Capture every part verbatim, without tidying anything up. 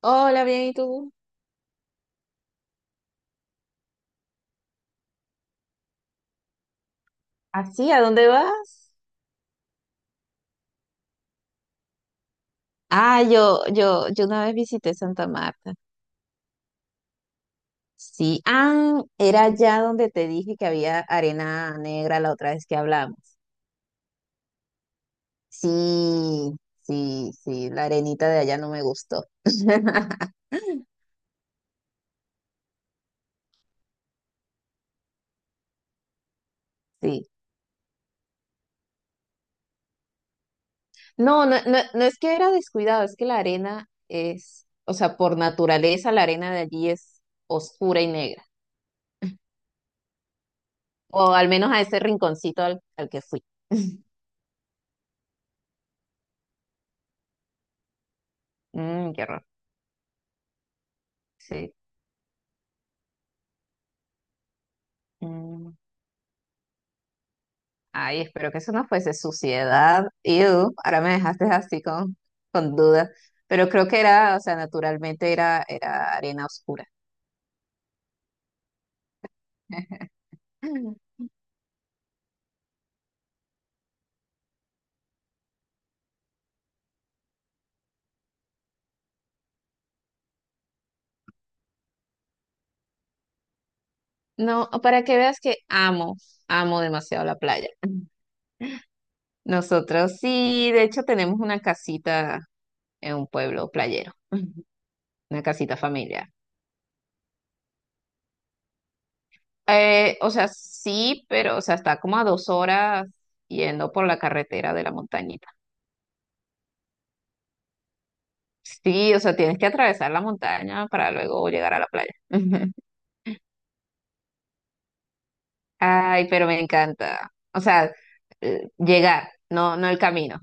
Hola, bien, ¿y tú? ¿Así? ¿A dónde vas? Ah, yo, yo, yo una vez visité Santa Marta. Sí, ah, era allá donde te dije que había arena negra la otra vez que hablamos. Sí, sí, sí, la arenita de allá no me gustó. Sí. No, no, no, no es que era descuidado, es que la arena es, o sea, por naturaleza la arena de allí es oscura y negra, o al menos a ese rinconcito al, al que fui. Mm, qué raro. Sí. Mm. Ay, espero que eso no fuese suciedad. Ew, ahora me dejaste así con, con dudas. Pero creo que era, o sea, naturalmente era, era arena oscura. No, para que veas que amo, amo demasiado la playa. Nosotros sí, de hecho tenemos una casita en un pueblo playero, una casita familiar. Eh, o sea, sí, pero o sea, está como a dos horas yendo por la carretera de la montañita. Sí, o sea, tienes que atravesar la montaña para luego llegar a la playa. Ay, pero me encanta. O sea, eh, llegar, no, no el camino.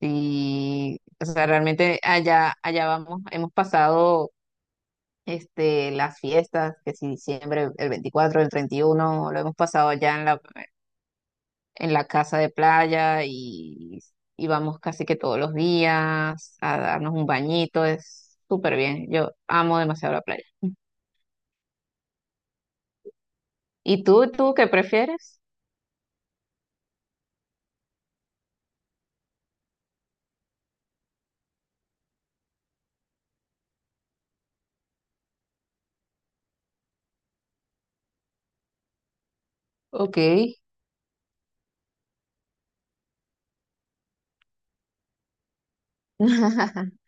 Sí, o sea, realmente allá, allá vamos, hemos pasado este, las fiestas, que si diciembre, el veinticuatro, el treinta y uno lo hemos pasado allá en la, en la casa de playa y, y vamos casi que todos los días a darnos un bañito, es súper bien. Yo amo demasiado la playa. ¿Y tú, tú qué prefieres? Ok.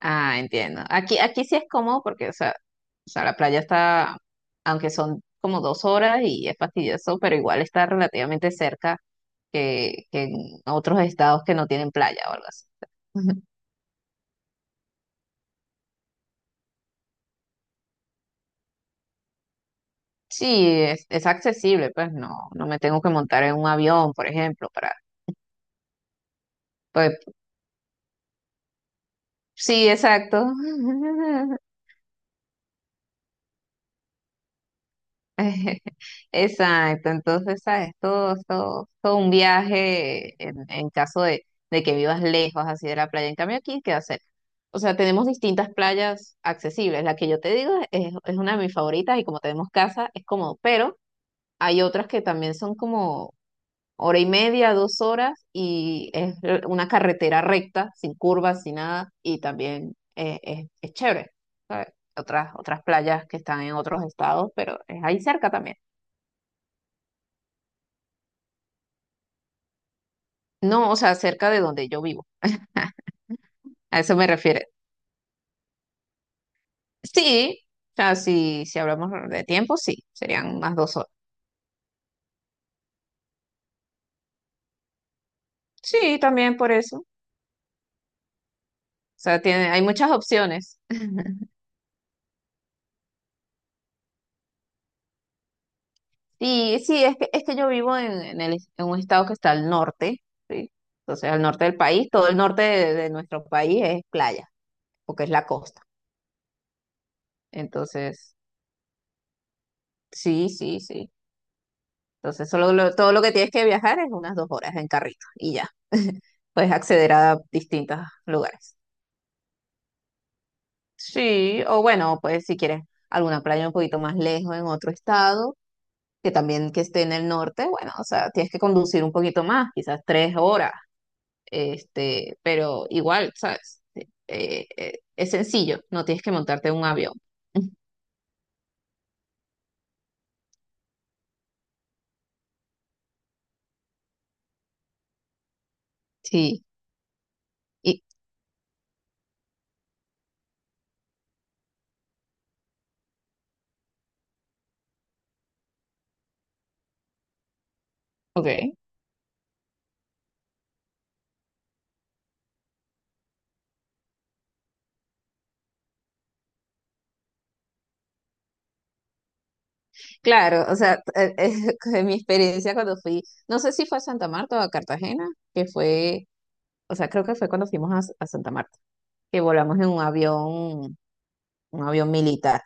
Ah, entiendo. Aquí, aquí sí es cómodo porque, o sea, o sea, la playa está, aunque son como dos horas y es fastidioso, pero igual está relativamente cerca que, que en otros estados que no tienen playa o algo así. Sí, es, es accesible, pues no, no me tengo que montar en un avión, por ejemplo, para, pues sí, exacto. Exacto, entonces, ¿sabes? Todo, todo, todo un viaje en, en caso de, de que vivas lejos así de la playa. En cambio, aquí queda cerca. O sea, tenemos distintas playas accesibles. La que yo te digo es, es una de mis favoritas y como tenemos casa, es cómodo. Pero hay otras que también son como hora y media, dos horas y es una carretera recta, sin curvas, sin nada. Y también eh, es, es chévere, ¿sabes? Otras, otras playas que están en otros estados, pero es ahí cerca también. No, o sea, cerca de donde yo vivo. Ah, a eso me refiero. Sí, o sea, si, si hablamos de tiempo, sí, serían más dos horas. Sí, también por eso. O sea, tiene, hay muchas opciones. Sí, sí, es que, es que yo vivo en, en el, en un estado que está al norte, ¿sí? Entonces, al norte del país, todo el norte de, de nuestro país es playa, porque es la costa. Entonces, sí, sí, sí. Entonces, solo lo- todo lo que tienes que viajar es unas dos horas en carrito y ya, puedes acceder a distintos lugares. Sí, o bueno, pues si quieres alguna playa un poquito más lejos en otro estado, que también que esté en el norte, bueno, o sea, tienes que conducir un poquito más, quizás tres horas, este, pero igual, ¿sabes? Eh, eh, es sencillo, no tienes que montarte en un avión. Sí, y ok, claro, o sea, eh, eh, de mi experiencia cuando fui, no sé si fue a Santa Marta o a Cartagena, que fue, o sea, creo que fue cuando fuimos a, a Santa Marta, que volamos en un avión, un avión militar.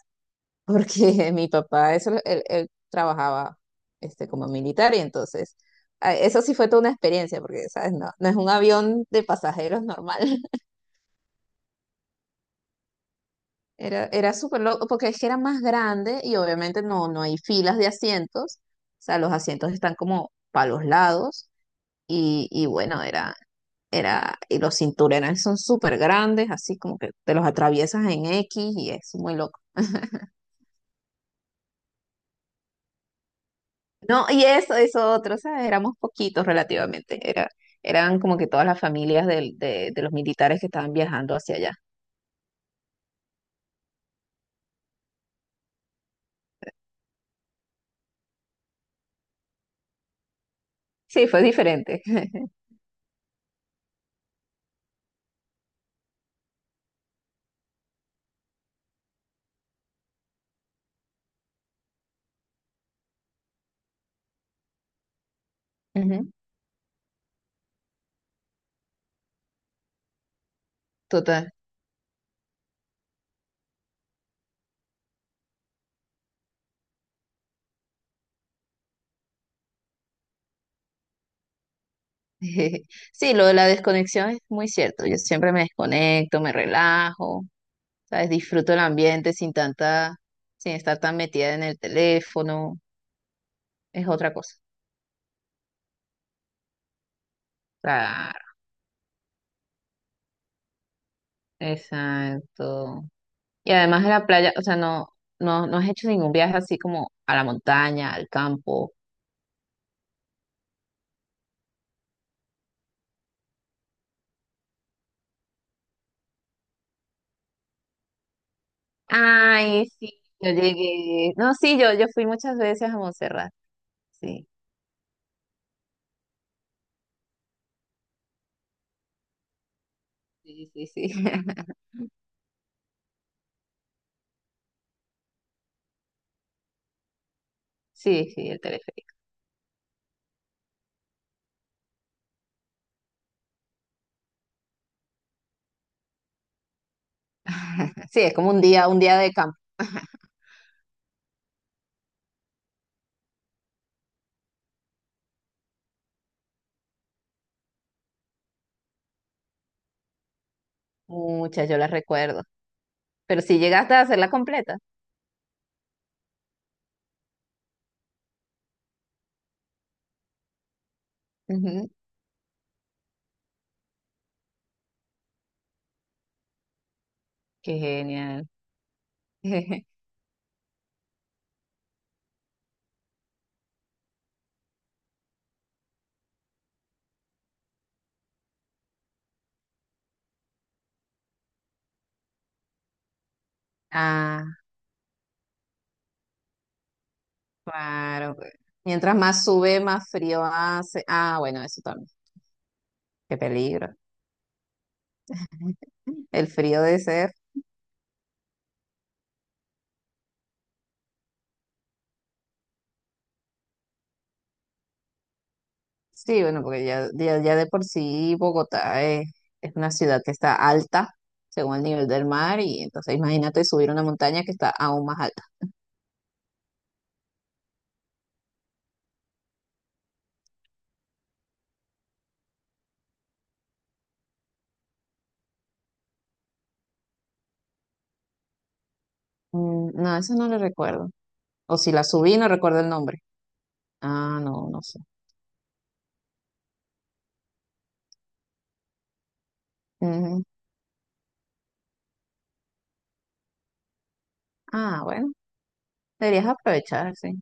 Porque mi papá, eso, él, él trabajaba este, como militar y entonces, ah, eso sí fue toda una experiencia, porque, ¿sabes? No, no es un avión de pasajeros normal. Era, era súper loco, porque es que era más grande y obviamente no, no hay filas de asientos, o sea, los asientos están como para los lados y, y bueno, era, era, y los cinturones son súper grandes, así como que te los atraviesas en X y es muy loco. No, y eso, eso otro, ¿sabes? Éramos poquitos relativamente. Era, eran como que todas las familias del- de, de los militares que estaban viajando hacia allá. Sí, fue diferente. Ujú, total. Sí, lo de la desconexión es muy cierto. Yo siempre me desconecto, me relajo, ¿sabes? Disfruto el ambiente sin tanta, sin estar tan metida en el teléfono. Es otra cosa. Claro, exacto. Y además de la playa, o sea, no, no, no has hecho ningún viaje así como a la montaña, al campo. Ay, sí, yo llegué. No, sí, yo, yo fui muchas veces a Montserrat. Sí, sí, sí, sí. Sí, sí, el teleférico. Sí, es como un día, un día de campo. Muchas, yo las recuerdo. Pero sí llegaste a hacerla completa. Ujú. Qué genial. Ah, claro, pues. Mientras más sube, más frío hace. Ah, bueno, eso también. Qué peligro. El frío de ese. Sí, bueno, porque ya, ya, ya de por sí Bogotá es, es una ciudad que está alta según el nivel del mar y entonces imagínate subir una montaña que está aún más alta. Mm, no, eso no lo recuerdo. O si la subí, no recuerdo el nombre. Ah, no, no sé. Ujú. Ah, bueno, deberías aprovechar, sí.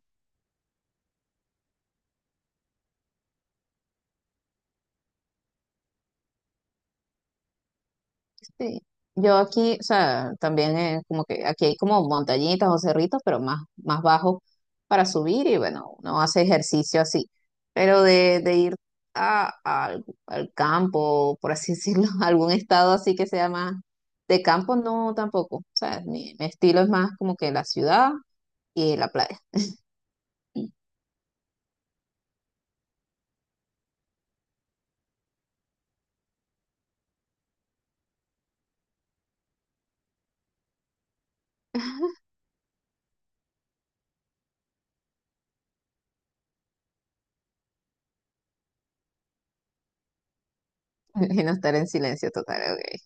Sí. Yo aquí, o sea, también eh, como que aquí hay como montañitas o cerritos, pero más, más bajo para subir y bueno, uno hace ejercicio así. Pero de, de ir a, al, al campo, por así decirlo, a algún estado así que sea más de campo, no tampoco. O sea, mi, mi estilo es más como que la ciudad y la playa. Sí. Y no estar en silencio total, ok.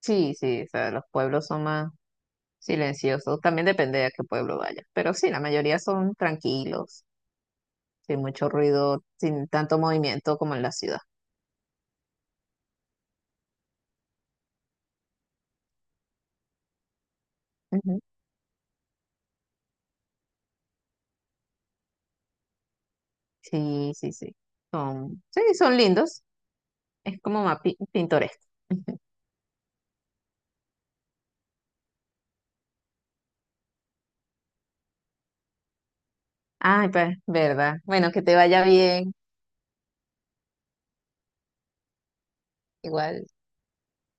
Sí, sí, o sea, los pueblos son más silenciosos. También depende de a qué pueblo vayas. Pero sí, la mayoría son tranquilos, sin mucho ruido, sin tanto movimiento como en la ciudad. Ujú. Sí, sí, sí. Son, sí, son lindos. Es como más pi- pintoresco. Ay, pues, verdad. Bueno, que te vaya bien. Igual.